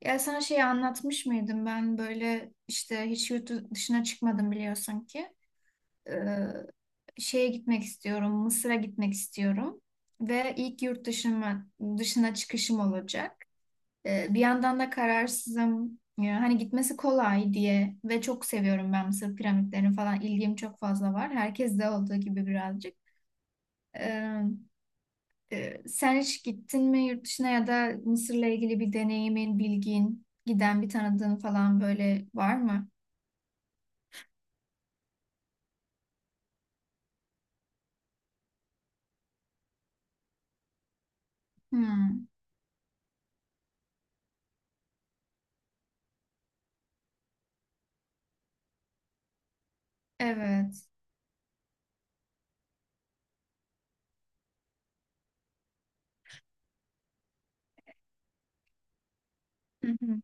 Ya sana şeyi anlatmış mıydım ben böyle işte hiç yurt dışına çıkmadım biliyorsun ki. Ee, Şeye gitmek istiyorum, Mısır'a gitmek istiyorum. Ve ilk yurt dışına çıkışım olacak. Bir yandan da kararsızım. Ya hani gitmesi kolay diye ve çok seviyorum ben Mısır piramitlerini falan ilgim çok fazla var. Herkes de olduğu gibi birazcık. Ee, Sen hiç gittin mi yurt dışına ya da Mısır'la ilgili bir deneyimin, bilgin, giden bir tanıdığın falan böyle var mı? Hmm, evet. Hı hı.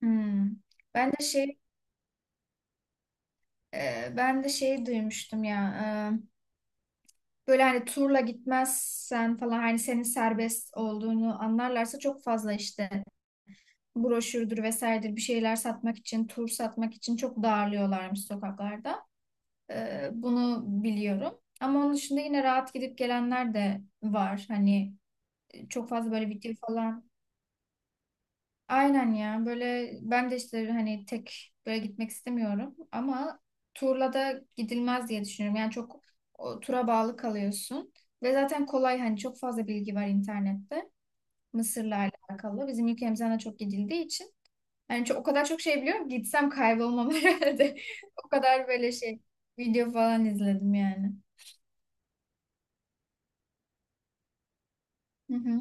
Hmm. Ben de şey, ben de şey duymuştum ya. e, böyle hani turla gitmezsen falan hani senin serbest olduğunu anlarlarsa çok fazla işte broşürdür vesairedir bir şeyler satmak için, tur satmak için çok darlıyorlarmış sokaklarda. Bunu biliyorum. Ama onun dışında yine rahat gidip gelenler de var. Hani çok fazla böyle video falan. Aynen ya. Böyle ben de işte hani tek böyle gitmek istemiyorum. Ama turla da gidilmez diye düşünüyorum. Yani çok o, tura bağlı kalıyorsun. Ve zaten kolay hani çok fazla bilgi var internette. Mısır'la alakalı. Bizim ülkemizden de çok gidildiği için. Yani çok, o kadar çok şey biliyorum ki gitsem kaybolmam herhalde. O kadar böyle şey video falan izledim yani. Hı hı.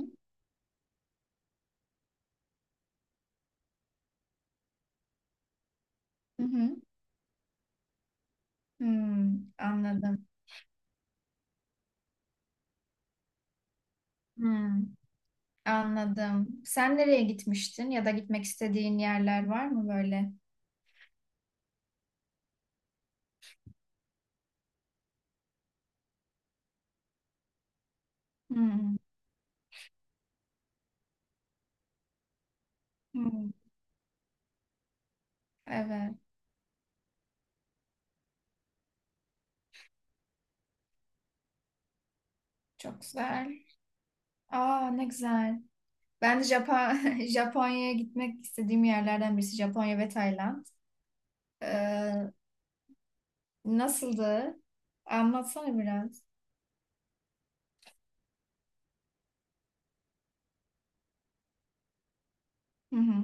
Hı hı. Hmm, anladım. Hmm, anladım. Sen nereye gitmiştin ya da gitmek istediğin yerler var mı böyle? Hmm, hmm. Evet, çok güzel. Aa, ne güzel. Ben de Japonya'ya gitmek istediğim yerlerden birisi Japonya ve Tayland. Ee, Nasıldı? Anlatsana biraz. Hı hı.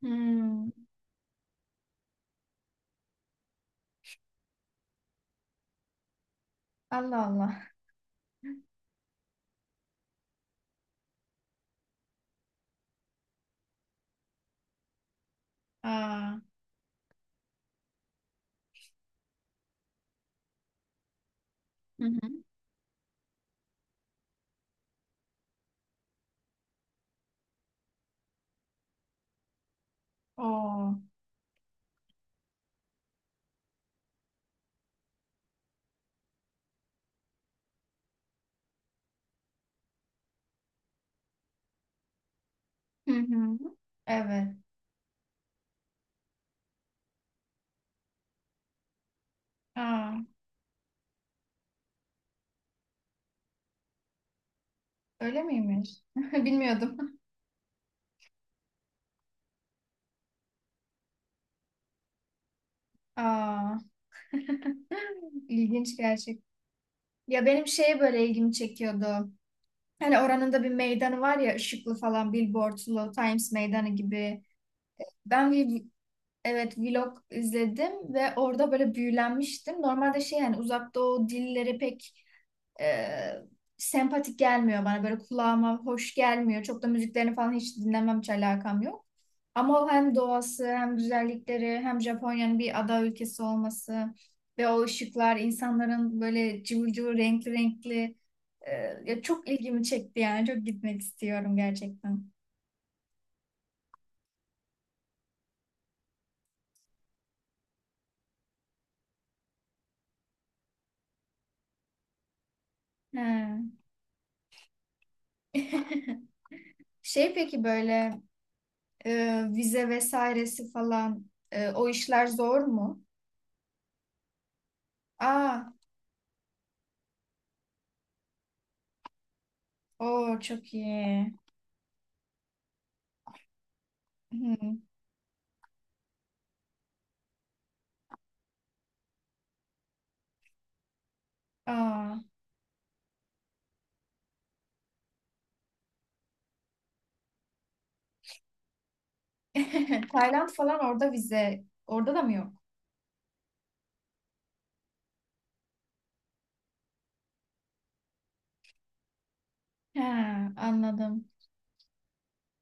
Hmm, Allah Allah. Aa. Hı hı. Oo. Hı hı. Evet. Aa. Öyle miymiş? Bilmiyordum. Aa, ilginç gerçek. Ya benim şeye böyle ilgimi çekiyordu. Hani oranın da bir meydanı var ya ışıklı falan billboardlu Times Meydanı gibi. Ben bir evet vlog izledim ve orada böyle büyülenmiştim. Normalde şey yani uzak doğu dilleri pek e, sempatik gelmiyor bana böyle kulağıma hoş gelmiyor. Çok da müziklerini falan hiç dinlemem hiç alakam yok. Ama o hem doğası hem güzellikleri hem Japonya'nın bir ada ülkesi olması ve o ışıklar insanların böyle cıvıl cıvıl renkli renkli e, ya çok ilgimi çekti yani çok gitmek istiyorum gerçekten. He. Şey peki böyle vize vesairesi falan o işler zor mu? Aa, o çok iyi. Hı. Aa, Tayland falan orada vize. Orada da mı yok? He, anladım.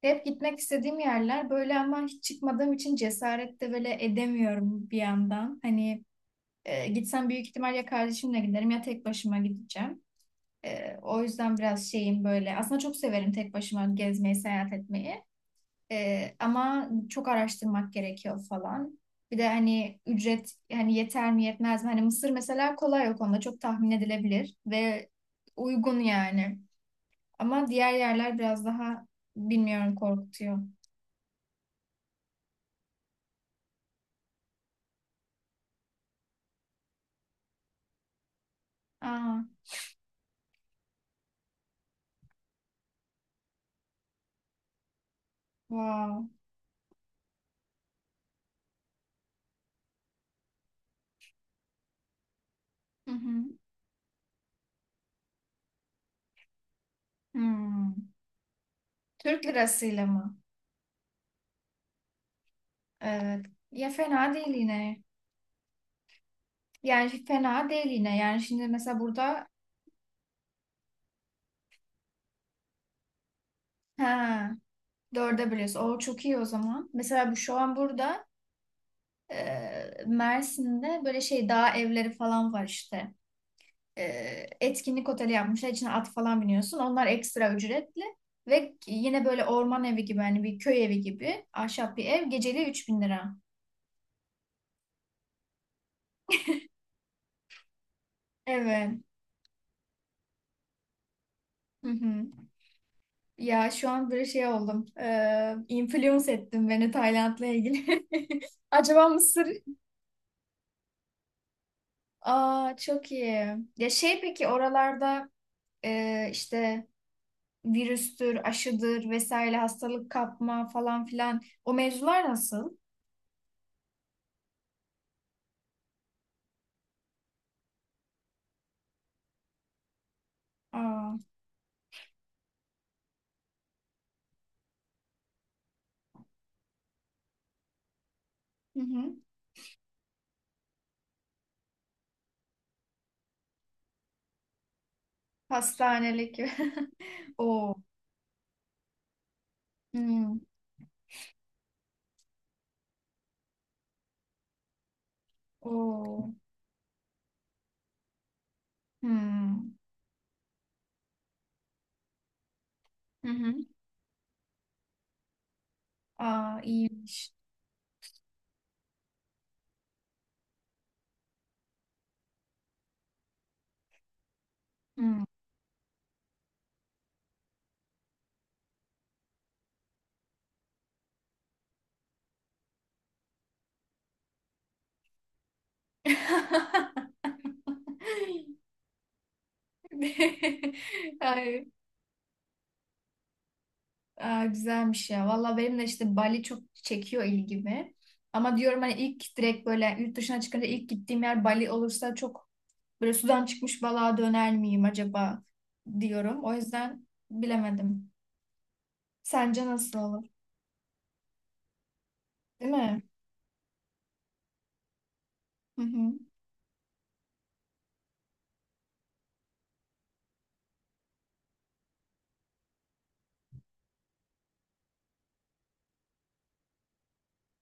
Hep gitmek istediğim yerler böyle ama hiç çıkmadığım için cesaret de böyle edemiyorum bir yandan. Hani gitsem büyük ihtimal ya kardeşimle giderim ya tek başıma gideceğim. O yüzden biraz şeyim böyle. Aslında çok severim tek başıma gezmeyi, seyahat etmeyi. Ama çok araştırmak gerekiyor falan. Bir de hani ücret hani yeter mi yetmez mi? Hani Mısır mesela kolay o konuda çok tahmin edilebilir ve uygun yani. Ama diğer yerler biraz daha bilmiyorum korkutuyor. Aa, wow. Hı hı. Hmm. Türk lirasıyla mı? Evet. Ya fena değil yine. Yani fena değil yine. Yani şimdi mesela burada ha dörde biliyorsun. O çok iyi o zaman. Mesela bu şu an burada Mersin'de böyle şey dağ evleri falan var işte. Etkinlik oteli yapmışlar. İçine at falan biniyorsun. Onlar ekstra ücretli. Ve yine böyle orman evi gibi hani bir köy evi gibi ahşap bir ev. Geceliği 3.000 lira. Evet. Hı hı. Ya şu an böyle şey oldum. Influence ettin beni Tayland'la ilgili. Acaba Mısır? Aa çok iyi. Ya şey peki oralarda işte virüstür, aşıdır vesaire hastalık kapma falan filan o mevzular nasıl? Aa, hı hı. Hastanelik. O. Hmm. O. Hmm. Hı hı. Aa, iyiymiş. Hmm. Ay, Aa, güzelmiş ya. Valla benim de işte Bali çok çekiyor ilgimi. Ama diyorum hani ilk direkt böyle yurt dışına çıkınca ilk gittiğim yer Bali olursa çok böyle sudan çıkmış balığa döner miyim acaba diyorum. O yüzden bilemedim. Sence nasıl olur? Değil mi? Hı hı.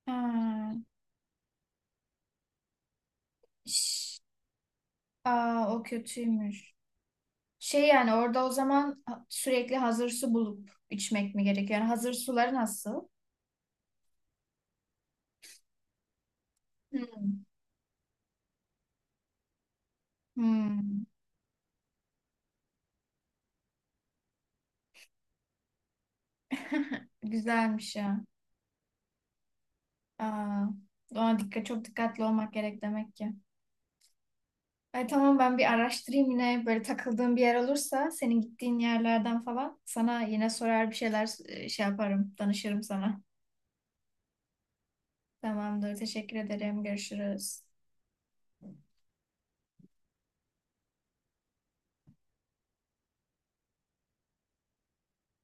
Ha, şş, Aa, o kötüymüş. Şey yani orada o zaman sürekli hazır su bulup içmek mi gerekiyor? Yani hazır suları nasıl? Hmm. Hmm. Güzelmiş ya. Aa, ona dikkat, çok dikkatli olmak gerek demek ki. Ay, tamam ben bir araştırayım yine böyle takıldığım bir yer olursa senin gittiğin yerlerden falan sana yine sorar bir şeyler şey yaparım danışırım sana. Tamamdır teşekkür ederim görüşürüz.